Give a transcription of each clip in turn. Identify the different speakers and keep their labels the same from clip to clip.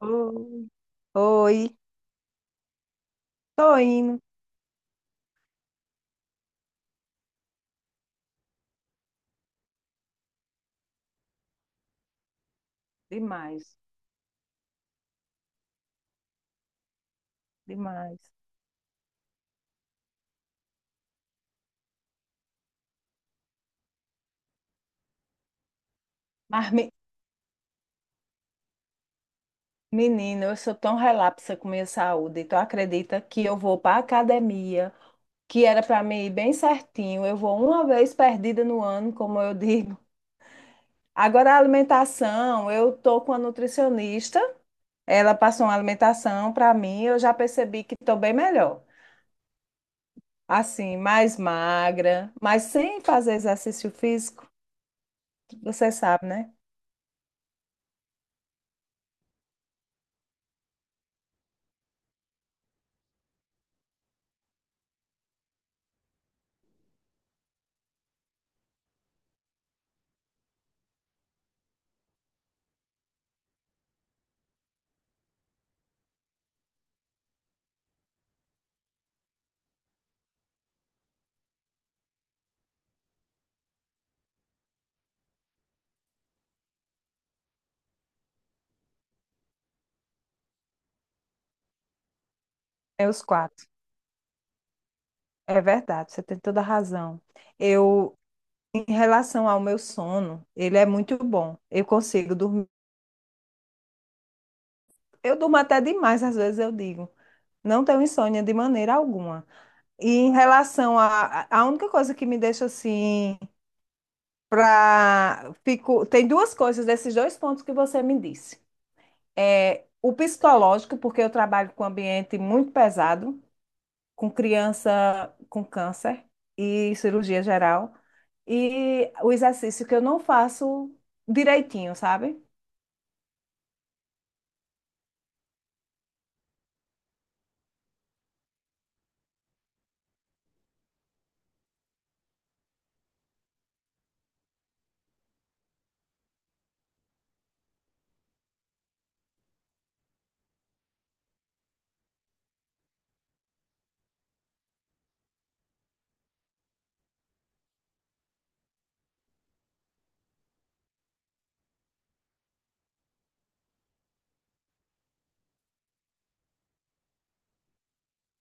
Speaker 1: Oi, oi. Tô indo. Demais, demais. Mas, menina, eu sou tão relapsa com minha saúde. Tu acredita que eu vou para academia, que era para mim ir bem certinho. Eu vou uma vez perdida no ano, como eu digo. Agora a alimentação, eu tô com a nutricionista. Ela passou uma alimentação para mim, eu já percebi que tô bem melhor. Assim, mais magra, mas sem fazer exercício físico, você sabe, né? É os quatro. É verdade, você tem toda a razão. Eu, em relação ao meu sono, ele é muito bom. Eu consigo dormir. Eu durmo até demais, às vezes eu digo. Não tenho insônia de maneira alguma. E em relação a única coisa que me deixa assim, tem duas coisas desses dois pontos que você me disse. É o psicológico, porque eu trabalho com um ambiente muito pesado, com criança com câncer e cirurgia geral. E o exercício que eu não faço direitinho, sabe?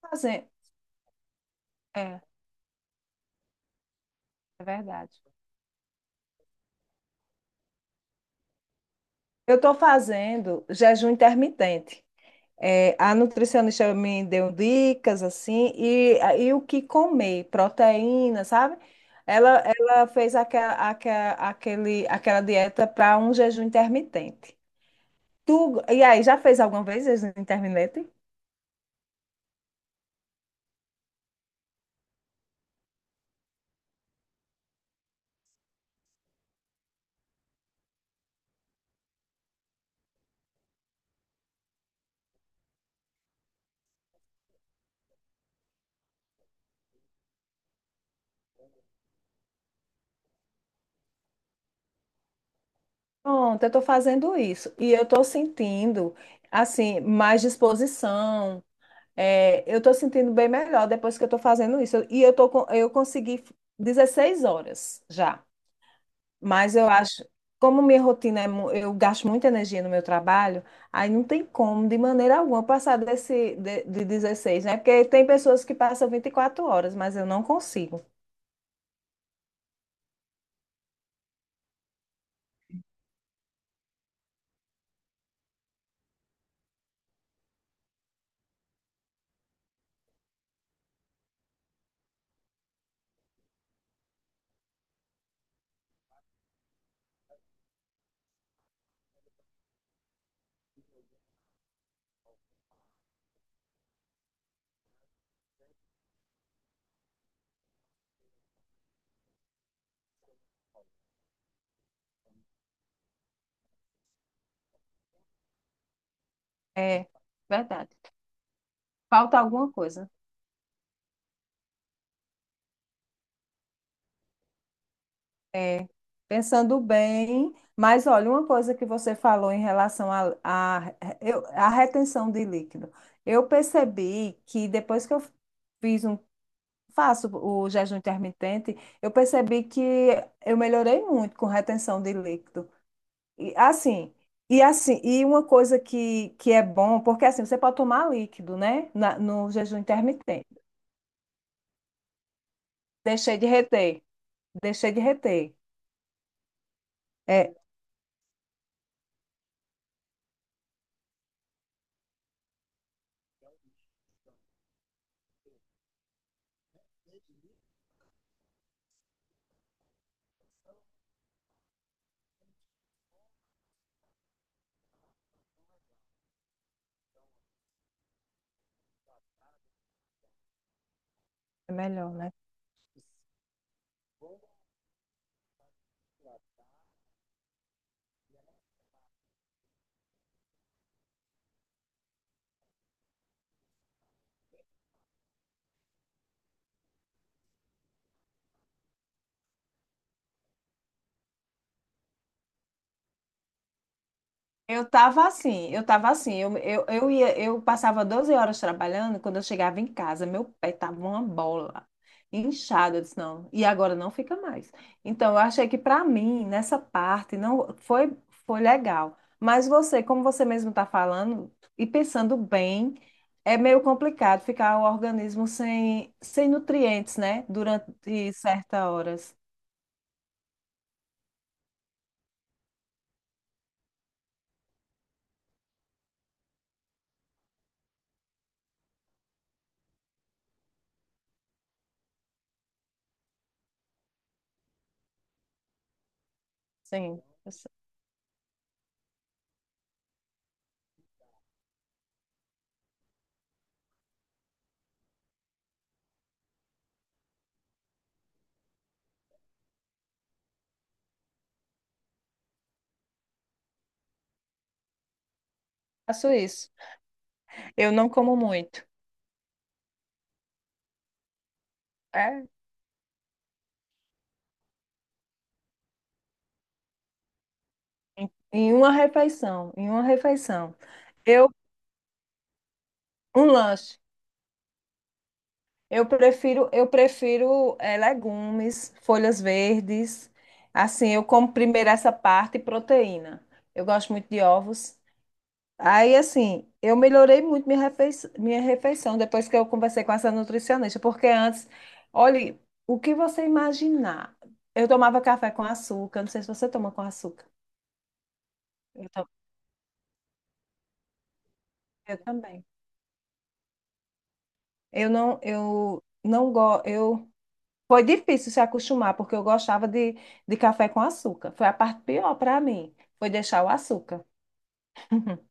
Speaker 1: Fazendo. É, é verdade. Eu estou fazendo jejum intermitente. É, a nutricionista me deu dicas assim, e o que comer, proteína, sabe? Ela fez aquela dieta para um jejum intermitente. E aí, já fez alguma vez jejum intermitente? Pronto, eu estou fazendo isso. E eu estou sentindo, assim, mais disposição. É, eu estou sentindo bem melhor depois que eu estou fazendo isso. E eu consegui 16 horas já. Mas eu acho, como minha rotina é, eu gasto muita energia no meu trabalho, aí não tem como, de maneira alguma, passar desse de 16, né? Porque tem pessoas que passam 24 horas, mas eu não consigo. É verdade. Falta alguma coisa. É, pensando bem, mas olha, uma coisa que você falou em relação à retenção de líquido. Eu percebi que depois que eu fiz um, faço o jejum intermitente, eu percebi que eu melhorei muito com retenção de líquido. E assim, e assim, e uma coisa que é bom, porque assim, você pode tomar líquido, né? No jejum intermitente. Deixei de reter, deixei de reter. É, é melhor, né? Eu tava assim, eu passava 12 horas trabalhando, quando eu chegava em casa, meu pé tava uma bola, inchado, eu disse, não, e agora não fica mais. Então, eu achei que para mim, nessa parte, não foi, foi legal. Mas você, como você mesmo tá falando, e pensando bem, é meio complicado ficar o organismo sem nutrientes, né? Durante certas horas. Sim, eu faço isso. Eu não como muito. Em uma refeição, em uma refeição. Eu, um lanche. Eu prefiro legumes, folhas verdes. Assim, eu como primeiro essa parte e proteína. Eu gosto muito de ovos. Aí, assim, eu melhorei muito minha refeição depois que eu conversei com essa nutricionista, porque antes, olhe, o que você imaginar? Eu tomava café com açúcar, não sei se você toma com açúcar. Eu, to- eu também. Eu não gosto. Eu Foi difícil se acostumar, porque eu gostava de café com açúcar. Foi a parte pior para mim, foi deixar o açúcar.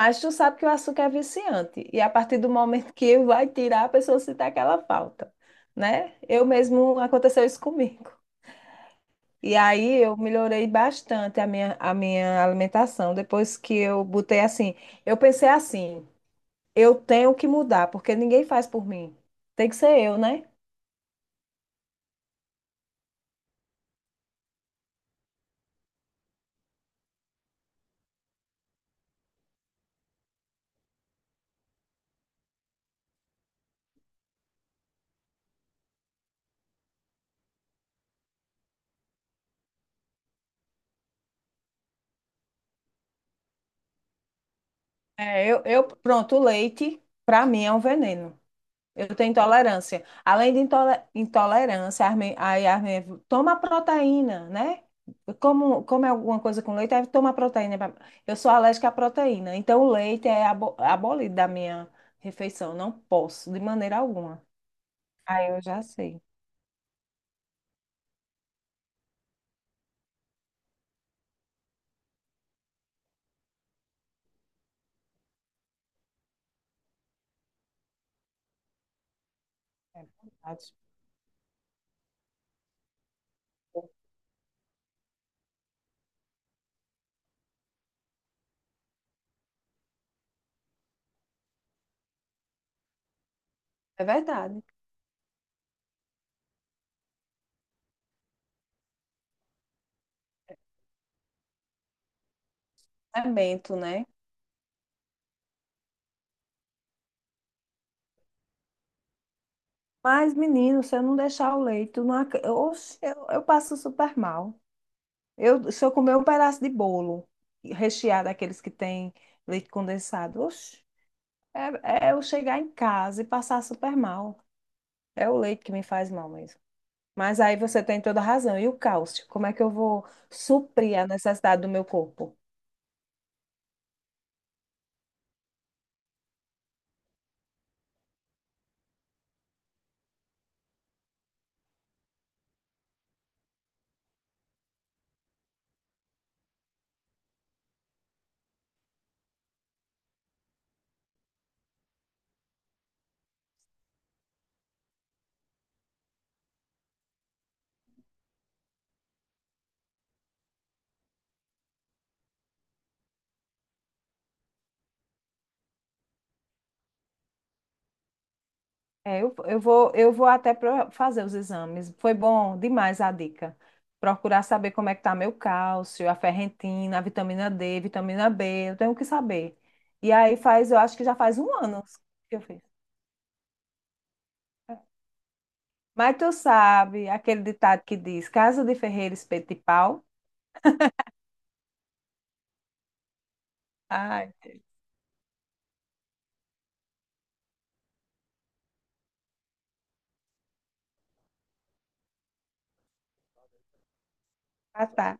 Speaker 1: Mas tu sabe que o açúcar é viciante, e a partir do momento que vai tirar, a pessoa sente aquela falta, né? Eu mesmo, aconteceu isso comigo. E aí eu melhorei bastante a minha alimentação, depois que eu botei assim, eu pensei assim, eu tenho que mudar, porque ninguém faz por mim. Tem que ser eu, né? É, pronto, o leite, para mim, é um veneno. Eu tenho intolerância. Além de intolerância, aí a Armin toma proteína, né? Como é alguma coisa com leite, aí toma proteína. Eu sou alérgica à proteína, então o leite é abolido da minha refeição. Não posso, de maneira alguma. Aí eu já sei. É verdade. É verdade. É bento, né? Mas, menino, se eu não deixar o leite, eu, não ac- oxe, eu passo super mal. Se eu comer um pedaço de bolo recheado, daqueles que tem leite condensado, oxe, é eu chegar em casa e passar super mal. É o leite que me faz mal mesmo. Mas aí você tem toda a razão. E o cálcio? Como é que eu vou suprir a necessidade do meu corpo? É, eu vou até fazer os exames. Foi bom demais a dica. Procurar saber como é que tá meu cálcio, a ferritina, a vitamina D, vitamina B, eu tenho que saber. E aí faz, eu acho que já faz um ano que eu fiz. Mas tu sabe aquele ditado que diz: Casa de ferreiro, espeto de pau? Ai, ah, tá.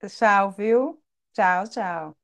Speaker 1: Tchau, viu? Tchau, tchau.